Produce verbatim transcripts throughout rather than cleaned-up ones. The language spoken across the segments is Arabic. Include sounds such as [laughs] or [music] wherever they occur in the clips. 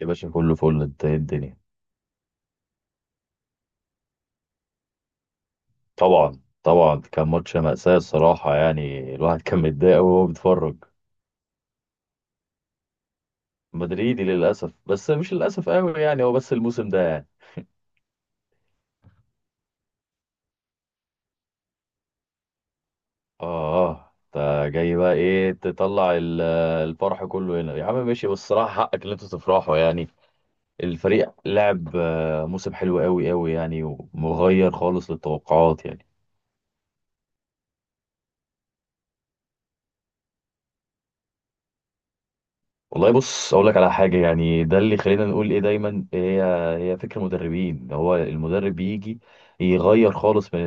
يا باشا كله فل، انت ايه الدنيا؟ طبعا طبعا، كان ماتش مأساة الصراحة. يعني الواحد كان متضايق قوي وهو بيتفرج. مدريدي للأسف، بس مش للأسف قوي يعني. هو بس الموسم ده يعني. اه اه، انت جاي بقى ايه؟ تطلع ال- الفرح كله هنا يا عم. ماشي، بس الصراحة حقك ان انت تفرحوا يعني. الفريق لعب آه، موسم حلو قوي قوي يعني، ومغير خالص للتوقعات يعني. والله بص اقول لك على حاجه يعني، ده اللي خلينا نقول ايه دايما. إيه هي هي فكر مدربين. هو المدرب بيجي يغير خالص من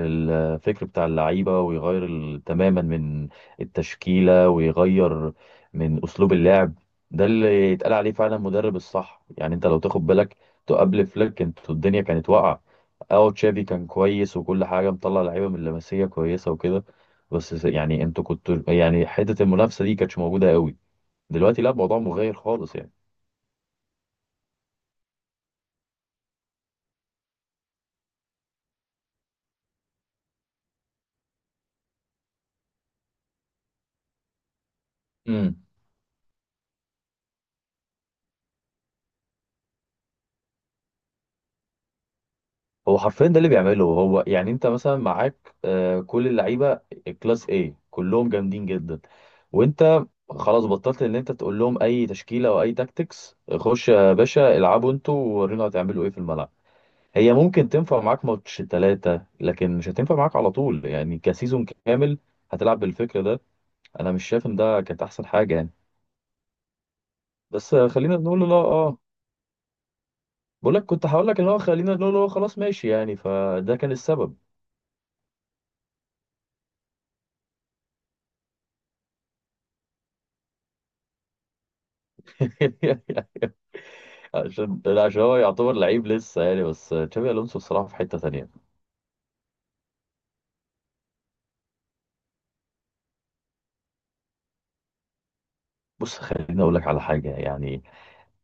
الفكر بتاع اللعيبه، ويغير ال- تماما من التشكيله، ويغير من اسلوب اللعب. ده اللي يتقال عليه فعلا مدرب الصح يعني. انت لو تاخد بالك، تو قبل فليك انتوا الدنيا كانت واقعه. اه تشافي كان كويس، وكل حاجه مطلع لعيبه من اللمسيه كويسه وكده، بس يعني انتوا كنتوا يعني حته المنافسه دي كانتش موجوده قوي. دلوقتي لا، الموضوع مغاير خالص يعني. امم. هو حرفيا ده اللي بيعمله. هو يعني انت مثلا معاك آه، كل اللعيبه كلاس، ايه، كلهم جامدين جدا. وانت خلاص بطلت ان انت تقول لهم اي تشكيله او اي تاكتكس. خش يا باشا العبوا انتوا، وورينا هتعملوا ايه في الملعب. هي ممكن تنفع معاك ماتش ثلاثه، لكن مش هتنفع معاك على طول يعني، كسيزون كامل هتلعب بالفكر ده. انا مش شايف ان ده كانت احسن حاجه يعني. بس آه، خلينا نقول، لا اه. بقول لك كنت هقول لك ان هو، خلينا نقول هو خلاص ماشي يعني، فده كان السبب. [laughs] عشان عشان هو يعتبر لعيب لسه يعني، بس تشابي الونسو بصراحه في حته تانية. بص خليني اقول لك على حاجه يعني،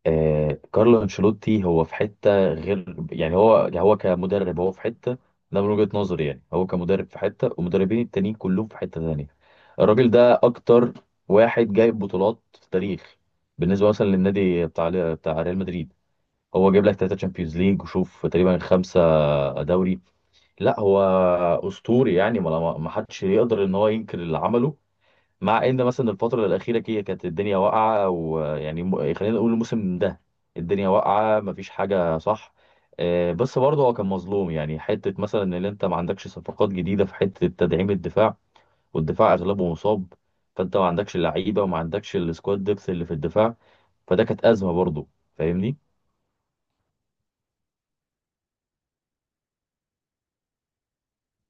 آه كارلو انشيلوتي هو في حته غير يعني. هو هو كمدرب هو في حته. ده من وجهه نظري يعني، هو كمدرب في حته والمدربين التانيين كلهم في حته تانية. الراجل ده اكتر واحد جايب بطولات في التاريخ، بالنسبه مثلا للنادي بتاع بتاع ريال مدريد. هو جايب لك ثلاثه تشامبيونز ليج، وشوف تقريبا خمسه دوري. لا هو اسطوري يعني. ما ما- ما حدش يقدر ان هو ينكر اللي عمله. مع ان مثلا الفتره الاخيره كي كانت الدنيا واقعه، ويعني م- خلينا نقول الموسم ده الدنيا واقعه، ما فيش حاجه صح. آه، بس برضه هو كان مظلوم يعني. حته مثلا ان انت ما عندكش صفقات جديده في حته تدعيم الدفاع، والدفاع اغلبه مصاب، فانت ما عندكش لعيبه وما عندكش السكواد ديبث اللي في الدفاع. فده كانت ازمه برضه. فاهمني؟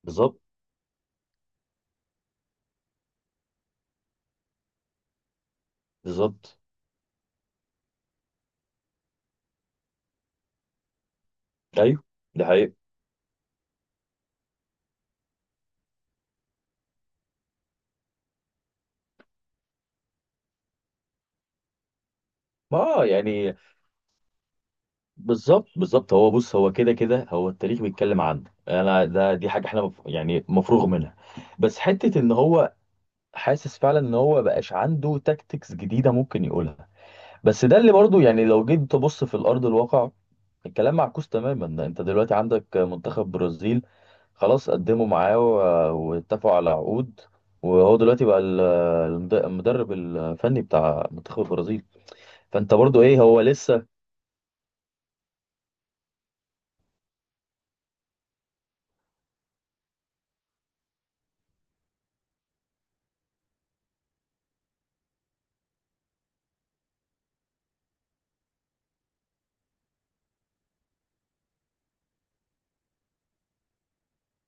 بالظبط بالظبط. ايوه، ده حقيقي. ما يعني. بالظبط بالظبط. هو بص، هو كده كده هو التاريخ بيتكلم عنه. انا ده دي حاجه احنا مف... يعني مفروغ منها. بس حته ان هو حاسس فعلا ان هو بقاش عنده تاكتكس جديده ممكن يقولها. بس ده اللي برضو يعني لو جيت تبص في الارض الواقع، الكلام معكوس تماما. ده انت دلوقتي عندك منتخب برازيل خلاص قدموا معاه و- واتفقوا على عقود، وهو دلوقتي بقى ال- المد- المدرب الفني بتاع منتخب البرازيل. فانت برضو ايه، هو لسه.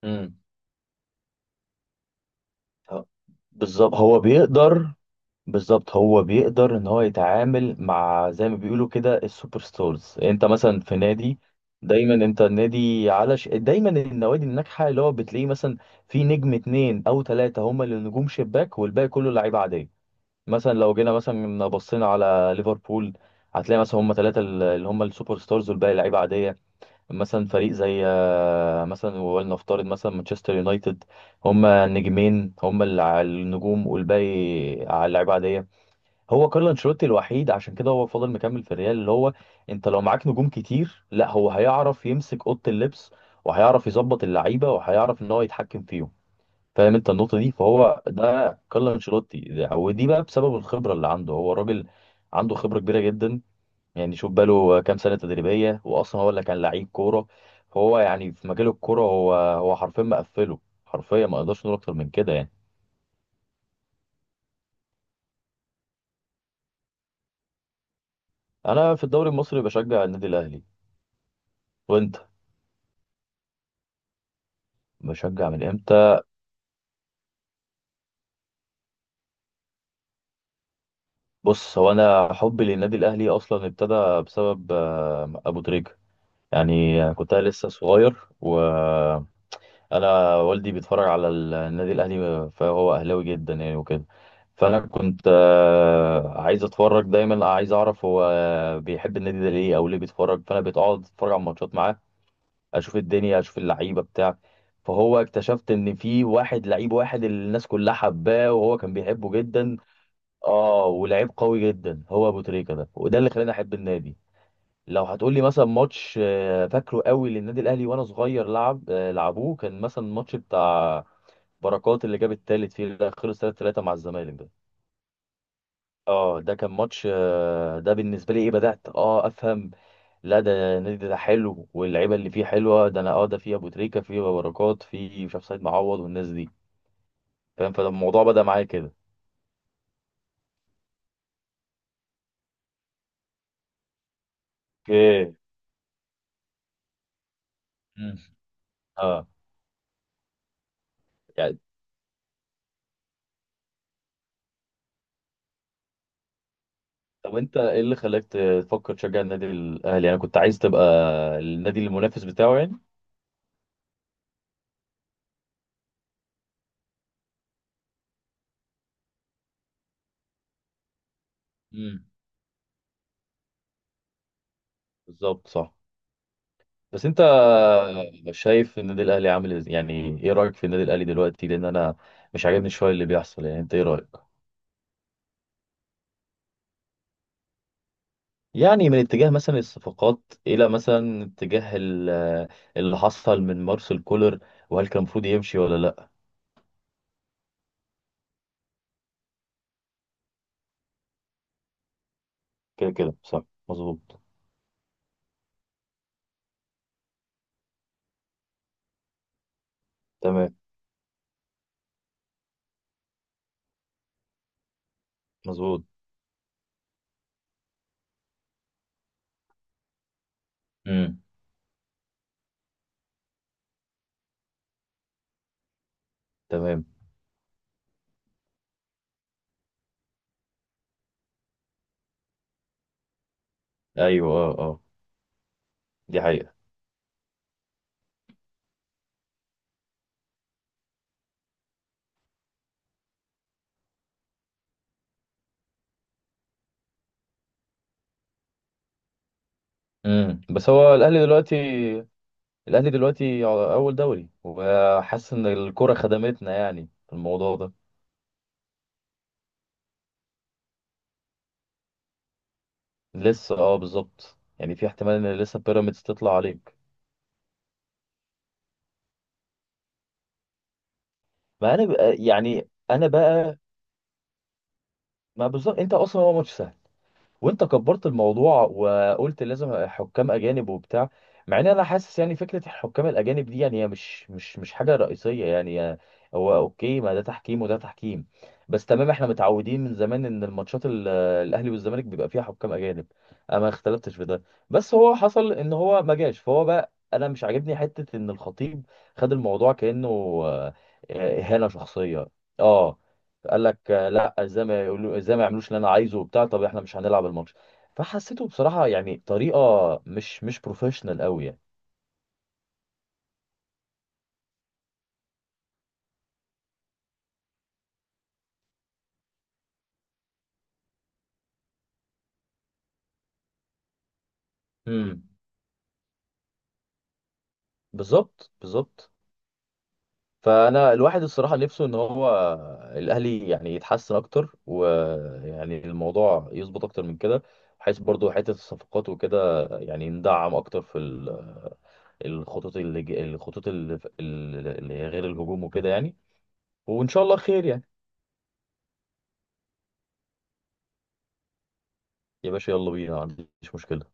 مم. ه-. بالظبط هو بيقدر. بالظبط هو بيقدر ان هو يتعامل مع زي ما بيقولوا كده السوبر ستارز. انت مثلا في نادي، دايما انت النادي على ش... دايما النوادي الناجحه اللي هو بتلاقيه مثلا في نجم اتنين او تلاته هم اللي نجوم شباك، والباقي كله لعيبه عاديه. مثلا لو جينا مثلا بصينا على ليفربول، هتلاقي مثلا هم تلاته اللي هم السوبر ستارز، والباقي لعيبه عاديه. مثلا فريق زي آه، مثلا، ولنفترض مثلا مانشستر يونايتد، هم نجمين هم اللي على النجوم، والباقي على اللعيبه عاديه. هو كارلو انشيلوتي الوحيد، عشان كده هو فضل مكمل في الريال اللي هو، انت لو معاك نجوم كتير، لا هو هيعرف يمسك اوضه اللبس، وهيعرف يظبط اللعيبه، وهيعرف ان هو يتحكم فيهم. فاهم انت النقطه دي؟ فهو ده كارلو انشيلوتي ده- ودي بقى بسبب الخبره اللي عنده. هو راجل عنده خبره كبيره جدا، يعني شوف بقاله كام سنة تدريبية، وأصلا هو اللي كان لعيب كورة. هو يعني في مجال الكورة، هو هو حرفيا مقفله. حرفيا ما اقدرش نقول أكتر من كده يعني. أنا في الدوري المصري بشجع النادي الأهلي. وأنت بشجع من إمتى؟ بص، هو أنا حبي للنادي الأهلي أصلا ابتدى بسبب آه، أبو تريكة يعني. كنت أنا لسه صغير، و انا والدي بيتفرج على النادي الاهلي، فهو اهلاوي جدا يعني وكده. فانا كنت آه، عايز اتفرج دايما، عايز اعرف هو بيحب النادي ده ليه، او ليه بيتفرج. فانا بقعد اتفرج على الماتشات معاه، اشوف الدنيا، اشوف اللعيبه بتاع. فهو اكتشفت ان في واحد لعيب، واحد اللي الناس كلها حباه وهو كان بيحبه جدا. اه، ولعيب قوي جدا هو ابو تريكه ده، وده اللي خلاني احب النادي. لو هتقول لي مثلا ماتش آه، فاكره قوي للنادي الاهلي وانا صغير، لعب آه، لعبوه، كان مثلا الماتش بتاع بركات اللي جاب التالت فيه، لا خلص ثلاثة ثلاثة مع الزمالك ده. اه ده كان ماتش آه، ده بالنسبه لي ايه، بدات اه افهم لا، ده النادي ده حلو واللعيبه اللي فيه حلوه. ده انا اه، ده فيه ابو تريكه، فيه بركات، فيه مش عارف سيد معوض والناس دي. فاهم؟ فالموضوع بدا معايا كده. اوكي. مم. اه. يعني طب انت ايه اللي خلاك تفكر تشجع النادي الاهلي يعني؟ كنت عايز تبقى النادي المنافس بتاعه يعني؟ امم. بالظبط صح. بس انت شايف النادي الاهلي عامل إز- يعني، ايه رايك في النادي الاهلي دلوقتي؟ لان انا مش عاجبني شويه اللي بيحصل يعني. انت ايه رايك؟ يعني من اتجاه مثلا الصفقات، الى مثلا اتجاه ال- اللي حصل من مارسيل كولر، وهل كان المفروض يمشي ولا لا؟ كده كده صح. مظبوط. تمام. مظبوط. امم. تمام. ايوه اه اه، دي حقيقه. امم. بس هو الاهلي دلوقتي، الاهلي دلوقتي اول دوري، وحاسس ان الكره خدمتنا يعني في الموضوع ده. لسه اه، بالظبط، يعني في احتمال ان لسه بيراميدز تطلع عليك. ما انا بقى يعني انا بقى ما بالظبط، انت اصلا هو ماتش سهل، وانت كبرت الموضوع وقلت لازم حكام اجانب وبتاع. مع ان انا حاسس يعني فكره الحكام الاجانب دي يعني هي مش مش مش حاجه رئيسيه يعني. هو اوكي، ما ده تحكيم وده تحكيم. بس تمام احنا متعودين من زمان ان الماتشات ال- الاهلي والزمالك بيبقى فيها حكام اجانب. انا ما اختلفتش في ده. بس هو حصل ان هو ما جاش، فهو بقى انا مش عاجبني حته ان الخطيب خد الموضوع كانه آه، اهانه شخصيه. اه. قال لك آه، لا ازاي ما يقولوا، ازاي ما يعملوش اللي انا عايزه وبتاع، طب احنا مش هنلعب الماتش. فحسيته بصراحه يعني طريقه مش مش بروفيشنال قوي يعني. امم. بالظبط بالظبط. فانا الواحد الصراحه نفسه ان هو الاهلي يعني يتحسن اكتر، ويعني الموضوع يظبط اكتر من كده، بحيث برضو حته الصفقات وكده يعني ندعم اكتر في ال- الخطوط اللي ج- الخطوط اللي اللي غير الهجوم وكده يعني. وان شاء الله خير يعني. يا باشا يلا بينا، ما عنديش مشكله.